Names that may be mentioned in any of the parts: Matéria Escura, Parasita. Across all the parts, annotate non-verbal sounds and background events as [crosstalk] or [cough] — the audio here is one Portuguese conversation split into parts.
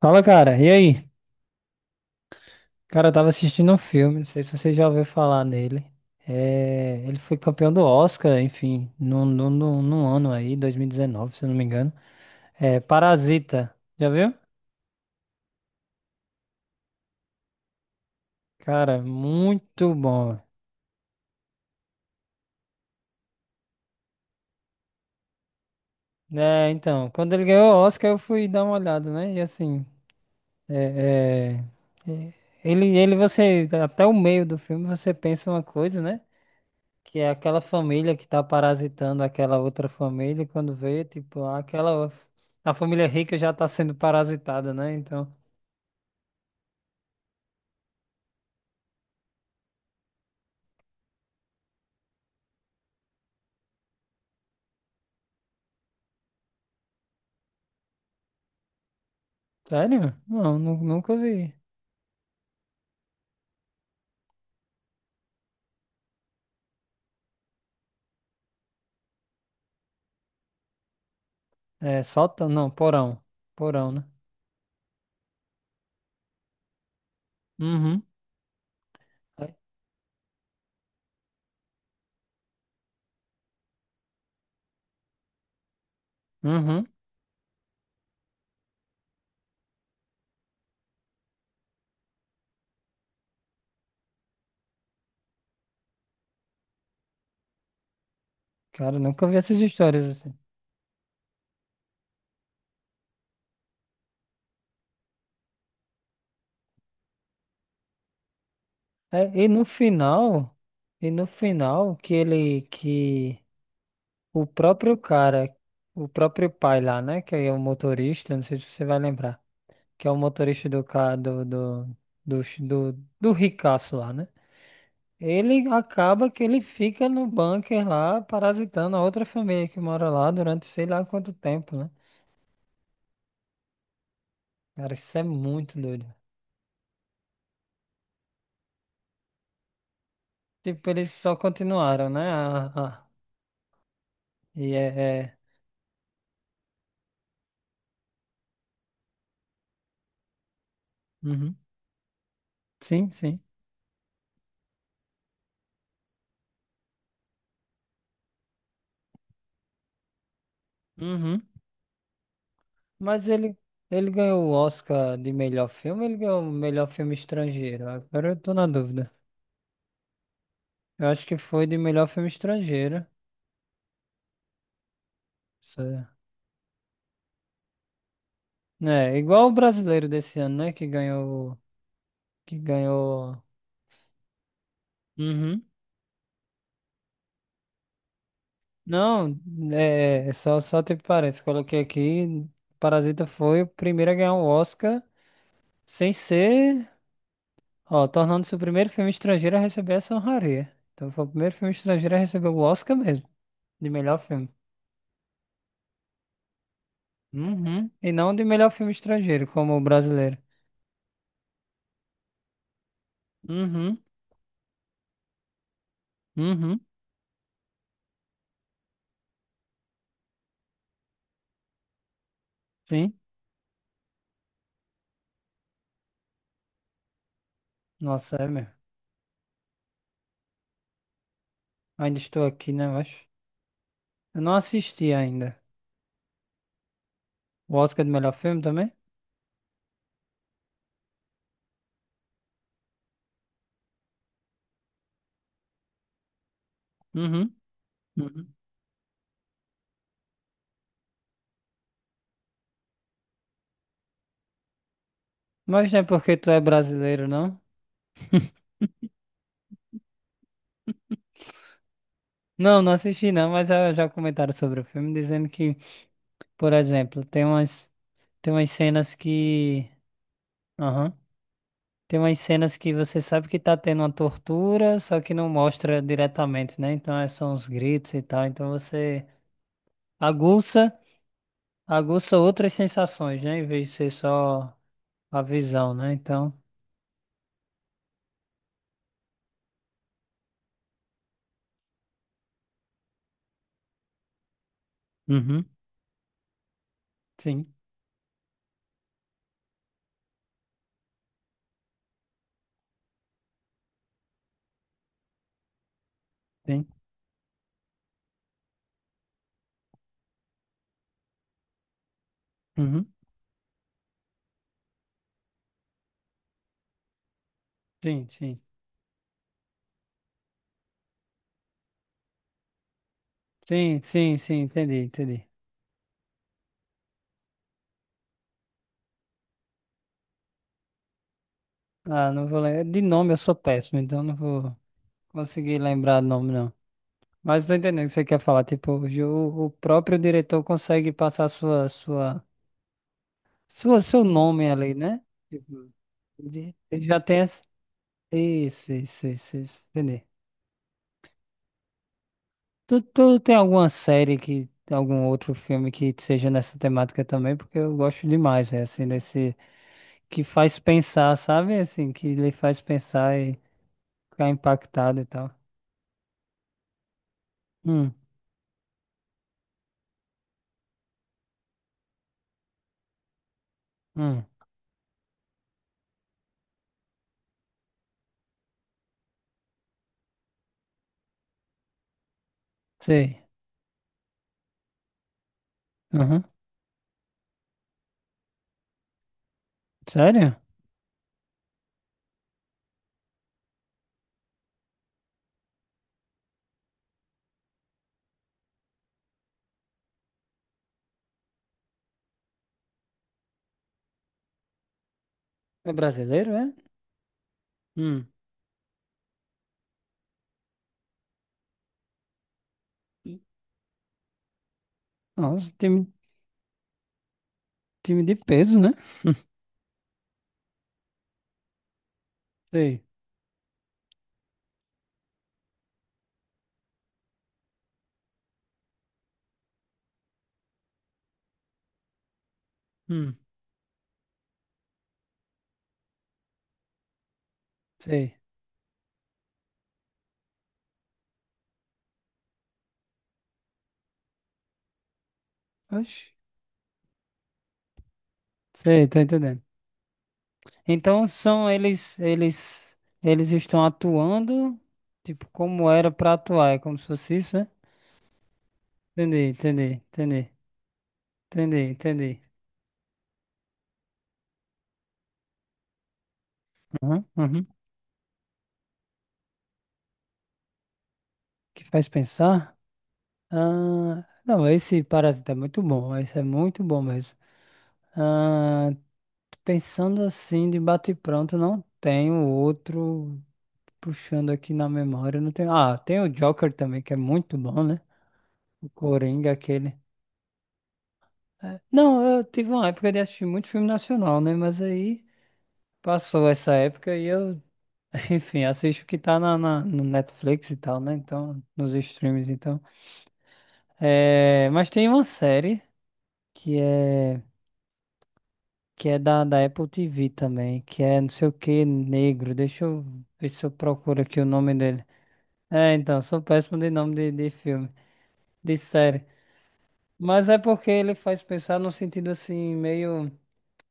Fala, cara. E aí? Cara, eu tava assistindo um filme, não sei se você já ouviu falar nele. É, ele foi campeão do Oscar, enfim, num ano aí, 2019, se eu não me engano. É, Parasita. Já viu? Cara, muito bom. É, então, quando ele ganhou o Oscar, eu fui dar uma olhada, né? E assim, é, é, é, você, até o meio do filme, você pensa uma coisa, né? Que é aquela família que tá parasitando aquela outra família, e quando vê, tipo, aquela. A família rica já tá sendo parasitada, né? Então. Sério? Não, nunca vi. É, sótão, não, porão. Porão, né? Uhum. É. Uhum. Cara, nunca vi essas histórias assim. É, e no final, que ele, que o próprio cara, o próprio pai lá, né? Que é o motorista, não sei se você vai lembrar. Que é o motorista do carro do do, ricaço lá, né? Ele acaba que ele fica no bunker lá, parasitando a outra família que mora lá durante sei lá quanto tempo, né? Cara, isso é muito doido. Tipo, eles só continuaram, né? Ah, ah. E é, é... Uhum. Sim, sim. Uhum. Mas ele ganhou o Oscar de melhor filme, ele ganhou o melhor filme estrangeiro. Agora eu tô na dúvida. Eu acho que foi de melhor filme estrangeiro. Isso é. É, igual o brasileiro desse ano, né? Que ganhou. Que ganhou. Uhum. Não, é, só teve parênteses. Coloquei aqui. Parasita foi o primeiro a ganhar o Oscar sem ser. Ó, tornando-se o primeiro filme estrangeiro a receber essa honraria. Então foi o primeiro filme estrangeiro a receber o Oscar mesmo, de melhor filme. Uhum. E não de melhor filme estrangeiro, como o brasileiro. Uhum. Uhum. Sim. Nossa, é mesmo. Ainda estou aqui, né? Eu acho. Eu não assisti ainda. O Oscar de melhor filme também? Uhum, uhum. Mas não é porque tu é brasileiro, não? Não, não assisti não, mas já comentaram sobre o filme, dizendo que, por exemplo, tem umas cenas que. Aham. Tem umas cenas que você sabe que tá tendo uma tortura, só que não mostra diretamente, né? Então é só uns gritos e tal. Então você aguça, aguça outras sensações, né? Em vez de ser só a visão, né? Então. Uhum. Sim, sim. Uhum. Sim, sim. Sim, sim, sim, entendi, entendi. Ah, não vou lembrar. De nome eu sou péssimo, então não vou conseguir lembrar o nome, não. Mas tô entendendo o que você quer falar. Tipo, o próprio diretor consegue passar sua, seu nome ali, né? Tipo, ele já tem essa... Isso, isso, isso, isso. Entendi. Tu tem alguma série que, algum outro filme que seja nessa temática também? Porque eu gosto demais, é assim, desse... Que faz pensar, sabe? Assim, que lhe faz pensar ficar impactado e tal. Hum, hum, sei. Uhum. Sério? É brasileiro, é? Hum. Nossa, time, time de peso, né? Sei. Hum, sei. Oxi. Sei, tô entendendo. Então são eles, estão atuando, tipo, como era pra atuar, é como se fosse isso, né? Entendi, entendi, entendi, entendi, entendi. Uhum, uhum. Que faz pensar? Ah, não, esse parasita é muito bom, esse é muito bom mesmo. Ah, pensando assim, de bate-pronto, não tenho outro puxando aqui na memória. Não tenho... Ah, tem o Joker também, que é muito bom, né? O Coringa, aquele. É, não, eu tive uma época de assistir muito filme nacional, né? Mas aí passou essa época e eu, [laughs] enfim, assisto o que tá no Netflix e tal, né? Então, nos streams, então. É... Mas tem uma série que é, que é da, da Apple TV também, que é não sei o que, negro. Deixa eu ver se eu procuro aqui o nome dele. É, então, sou péssimo de nome de filme, de série. Mas é porque ele faz pensar no sentido assim, meio.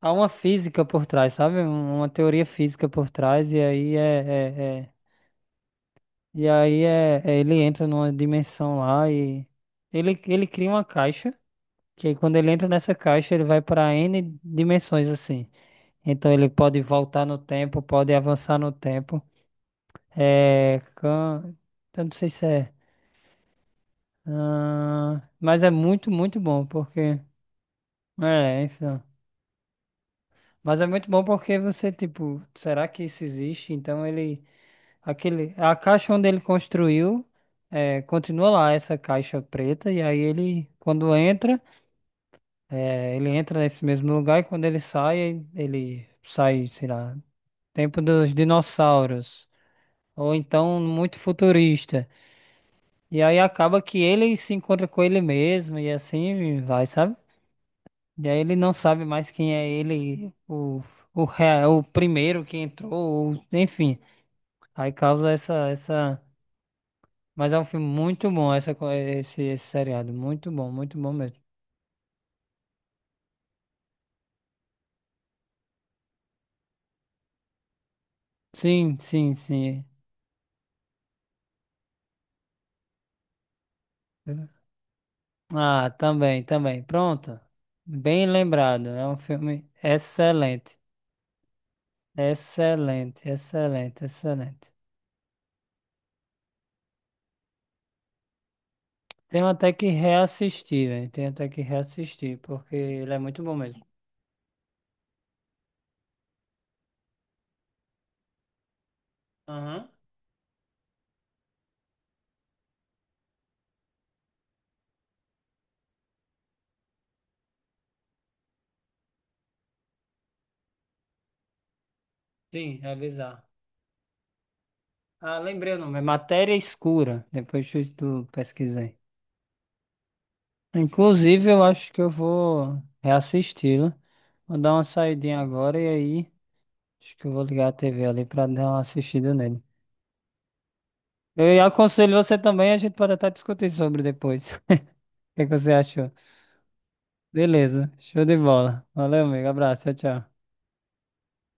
Há uma física por trás, sabe? Uma teoria física por trás, e aí é- é- e aí ele entra numa dimensão lá e. Ele cria uma caixa, que aí quando ele entra nessa caixa, ele vai para N dimensões assim. Então ele pode voltar no tempo, pode avançar no tempo. É, can... Eu não sei se é. Mas é muito, muito bom, porque. É, enfim. Mas é muito bom porque você, tipo, será que isso existe? Então ele. Aquele... A caixa onde ele construiu continua lá, essa caixa preta, e aí ele, quando entra, ele entra nesse mesmo lugar e quando ele sai, sei lá, tempo dos dinossauros, ou então muito futurista. E aí acaba que ele se encontra com ele mesmo e assim vai, sabe? E aí ele não sabe mais quem é ele, o primeiro que entrou, ou- enfim. Aí causa essa, essa. Mas é um filme muito bom, essa, esse, esse seriado. Muito bom mesmo. Sim, sim, sim. Ah, também, também. Pronto. Bem lembrado. É um filme excelente. Excelente, excelente, excelente. Tenho até que reassistir, velho. Tenho até que reassistir, porque ele é muito bom mesmo. Aham. Sim, revisar. Ah, lembrei o nome. É Matéria Escura. Depois tu pesquisei. Inclusive, eu acho que eu vou reassisti-lo. Vou dar uma saidinha agora e aí acho que eu vou ligar a TV ali pra dar uma assistida nele. Eu aconselho você também, a gente pode até discutir sobre depois. [laughs] O que é que você achou? Beleza, show de bola. Valeu, amigo. Abraço, tchau, tchau.